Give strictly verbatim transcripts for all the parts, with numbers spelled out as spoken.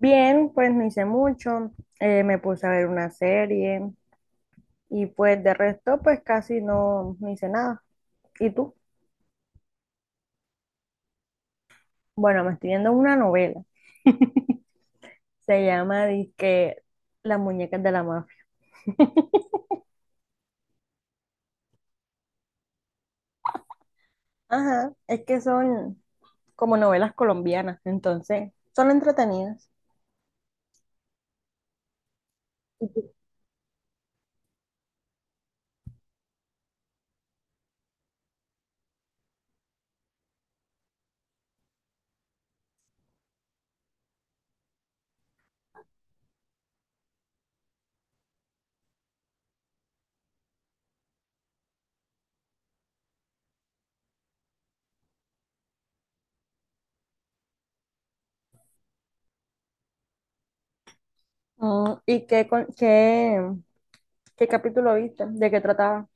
Bien, pues no hice mucho, eh, me puse a ver una serie y pues de resto pues casi no, no hice nada. ¿Y tú? Bueno, me estoy viendo una novela, se llama que Las muñecas de la mafia. Ajá, es que son como novelas colombianas, entonces son entretenidas. Mm, ¿y qué, con- qué, qué capítulo viste? ¿De qué trataba?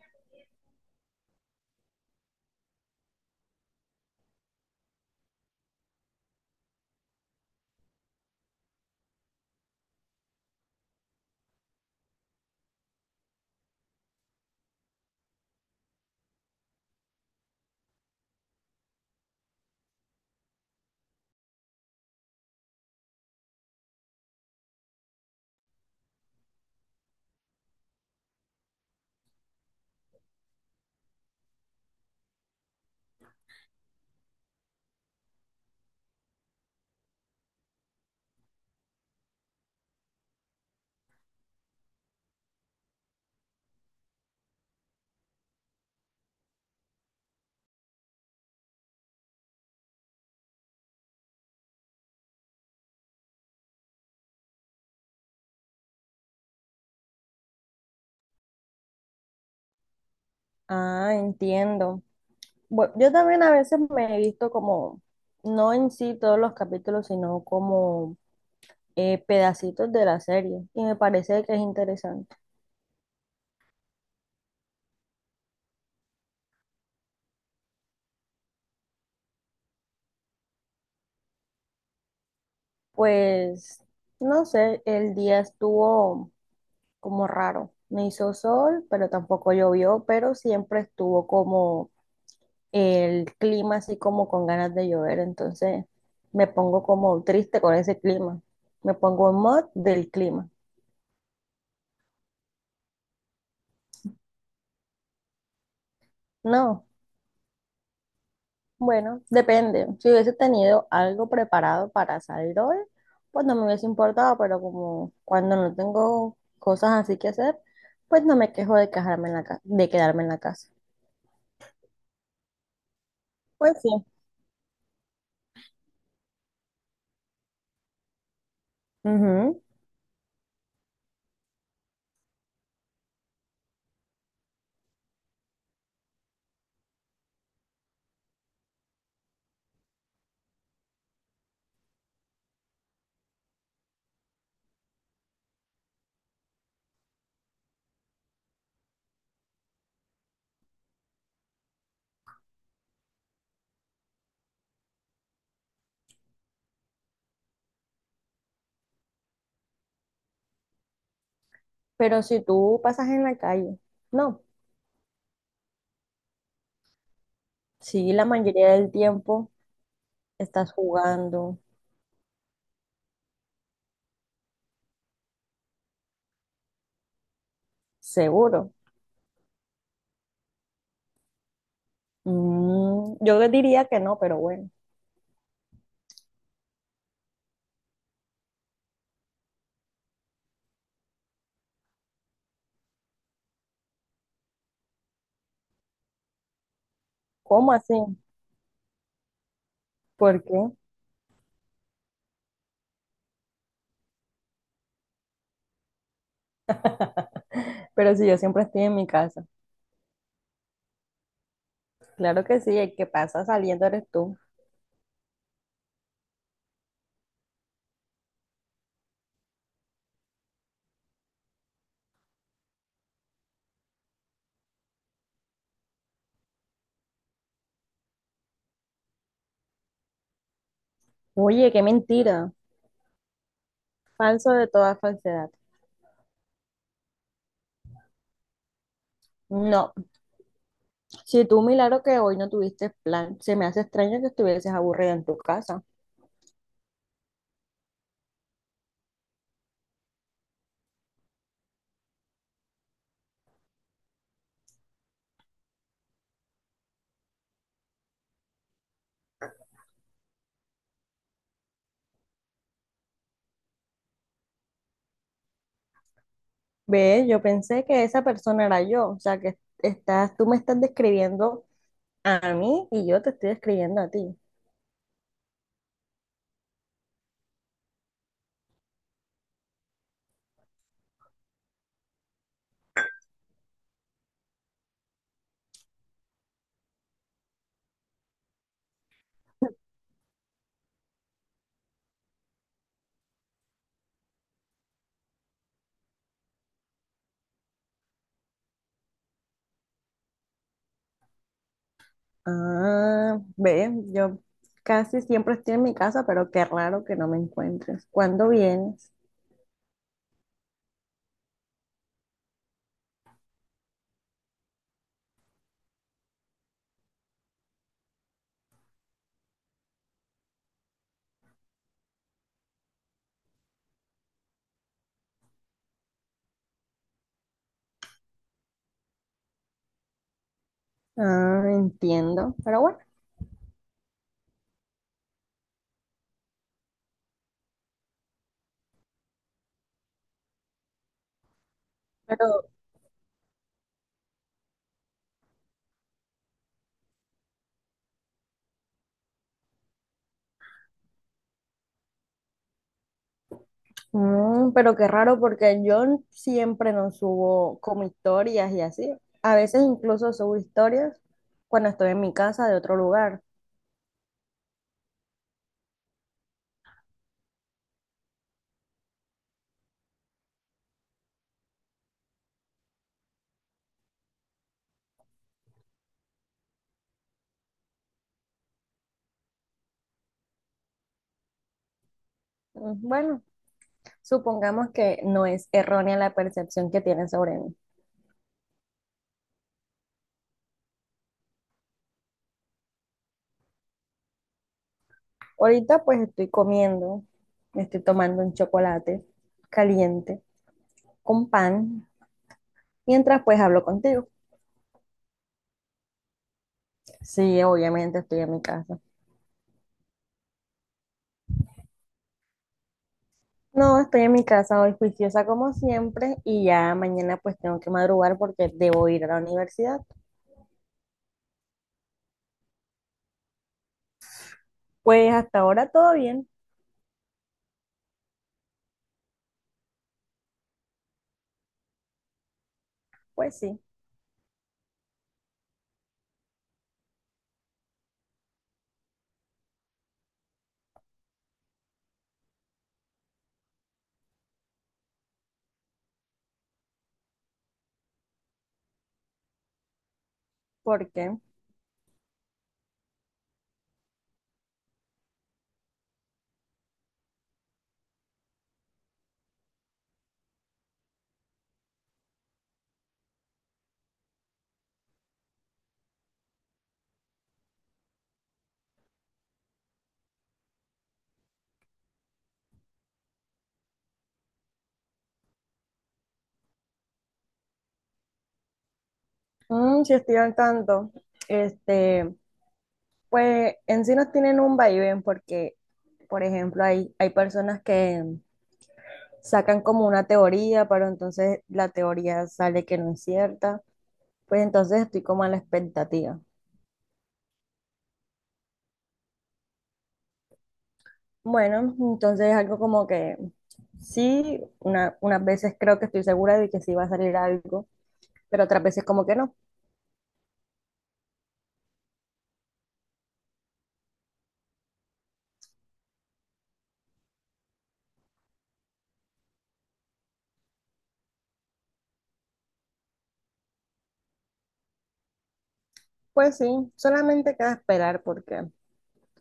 Ah, entiendo. Bueno, yo también a veces me he visto como, no en sí todos los capítulos, sino como eh, pedacitos de la serie y me parece que es interesante. Pues, no sé, el día estuvo como raro. No hizo sol, pero tampoco llovió, pero siempre estuvo como el clima así como con ganas de llover. Entonces me pongo como triste con ese clima. Me pongo en mod del clima. No. Bueno, depende. Si hubiese tenido algo preparado para salir hoy, pues no me hubiese importado, pero como cuando no tengo cosas así que hacer, pues no me quejo de quejarme en la ca- de quedarme en la casa. Pues sí. Ujú. Pero si tú pasas en la calle, no. Si la mayoría del tiempo estás jugando, seguro. Mm, yo diría que no, pero bueno. ¿Cómo así? ¿Por qué? Pero si yo siempre estoy en mi casa. Claro que sí, el que pasa saliendo eres tú. Oye, qué mentira. Falso de toda falsedad. No, si tú milagro que hoy no tuviste plan, se me hace extraño que estuvieses aburrida en tu casa. Ve, yo pensé que esa persona era yo, o sea que estás, tú me estás describiendo a mí y yo te estoy describiendo a ti. Ah, ve, yo casi siempre estoy en mi casa, pero qué raro que no me encuentres. ¿Cuándo vienes? Ah, entiendo, pero bueno. Pero mm, pero qué raro porque yo n- siempre no subo como historias y así. A veces incluso subo historias cuando estoy en mi casa de otro lugar. Mm, bueno, supongamos que no es errónea la percepción que tienen sobre mí. Ahorita pues estoy comiendo, me estoy tomando un chocolate caliente con pan, mientras pues hablo contigo. Sí, obviamente estoy en mi casa. No, estoy en mi casa hoy juiciosa como siempre y ya mañana pues tengo que madrugar porque debo ir a la universidad. Pues hasta ahora todo bien, pues sí, porque si estoy al tanto, este, pues en sí nos tienen un vaivén porque, por ejemplo, hay, hay personas que sacan como una teoría, pero entonces la teoría sale que no es cierta, pues entonces estoy como a la expectativa. Bueno, entonces algo como que sí, una- unas veces creo que estoy segura de que sí va a salir algo, pero otras veces como que no. Pues sí, solamente queda esperar porque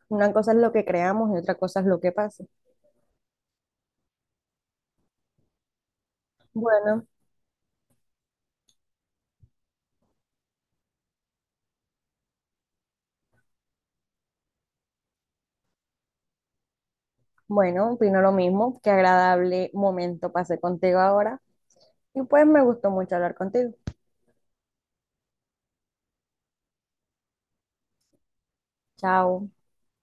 una cosa es lo que creamos y otra cosa es lo que pasa. Bueno, bueno, opino lo mismo. Qué agradable momento pasé contigo ahora y pues me gustó mucho hablar contigo. Chao.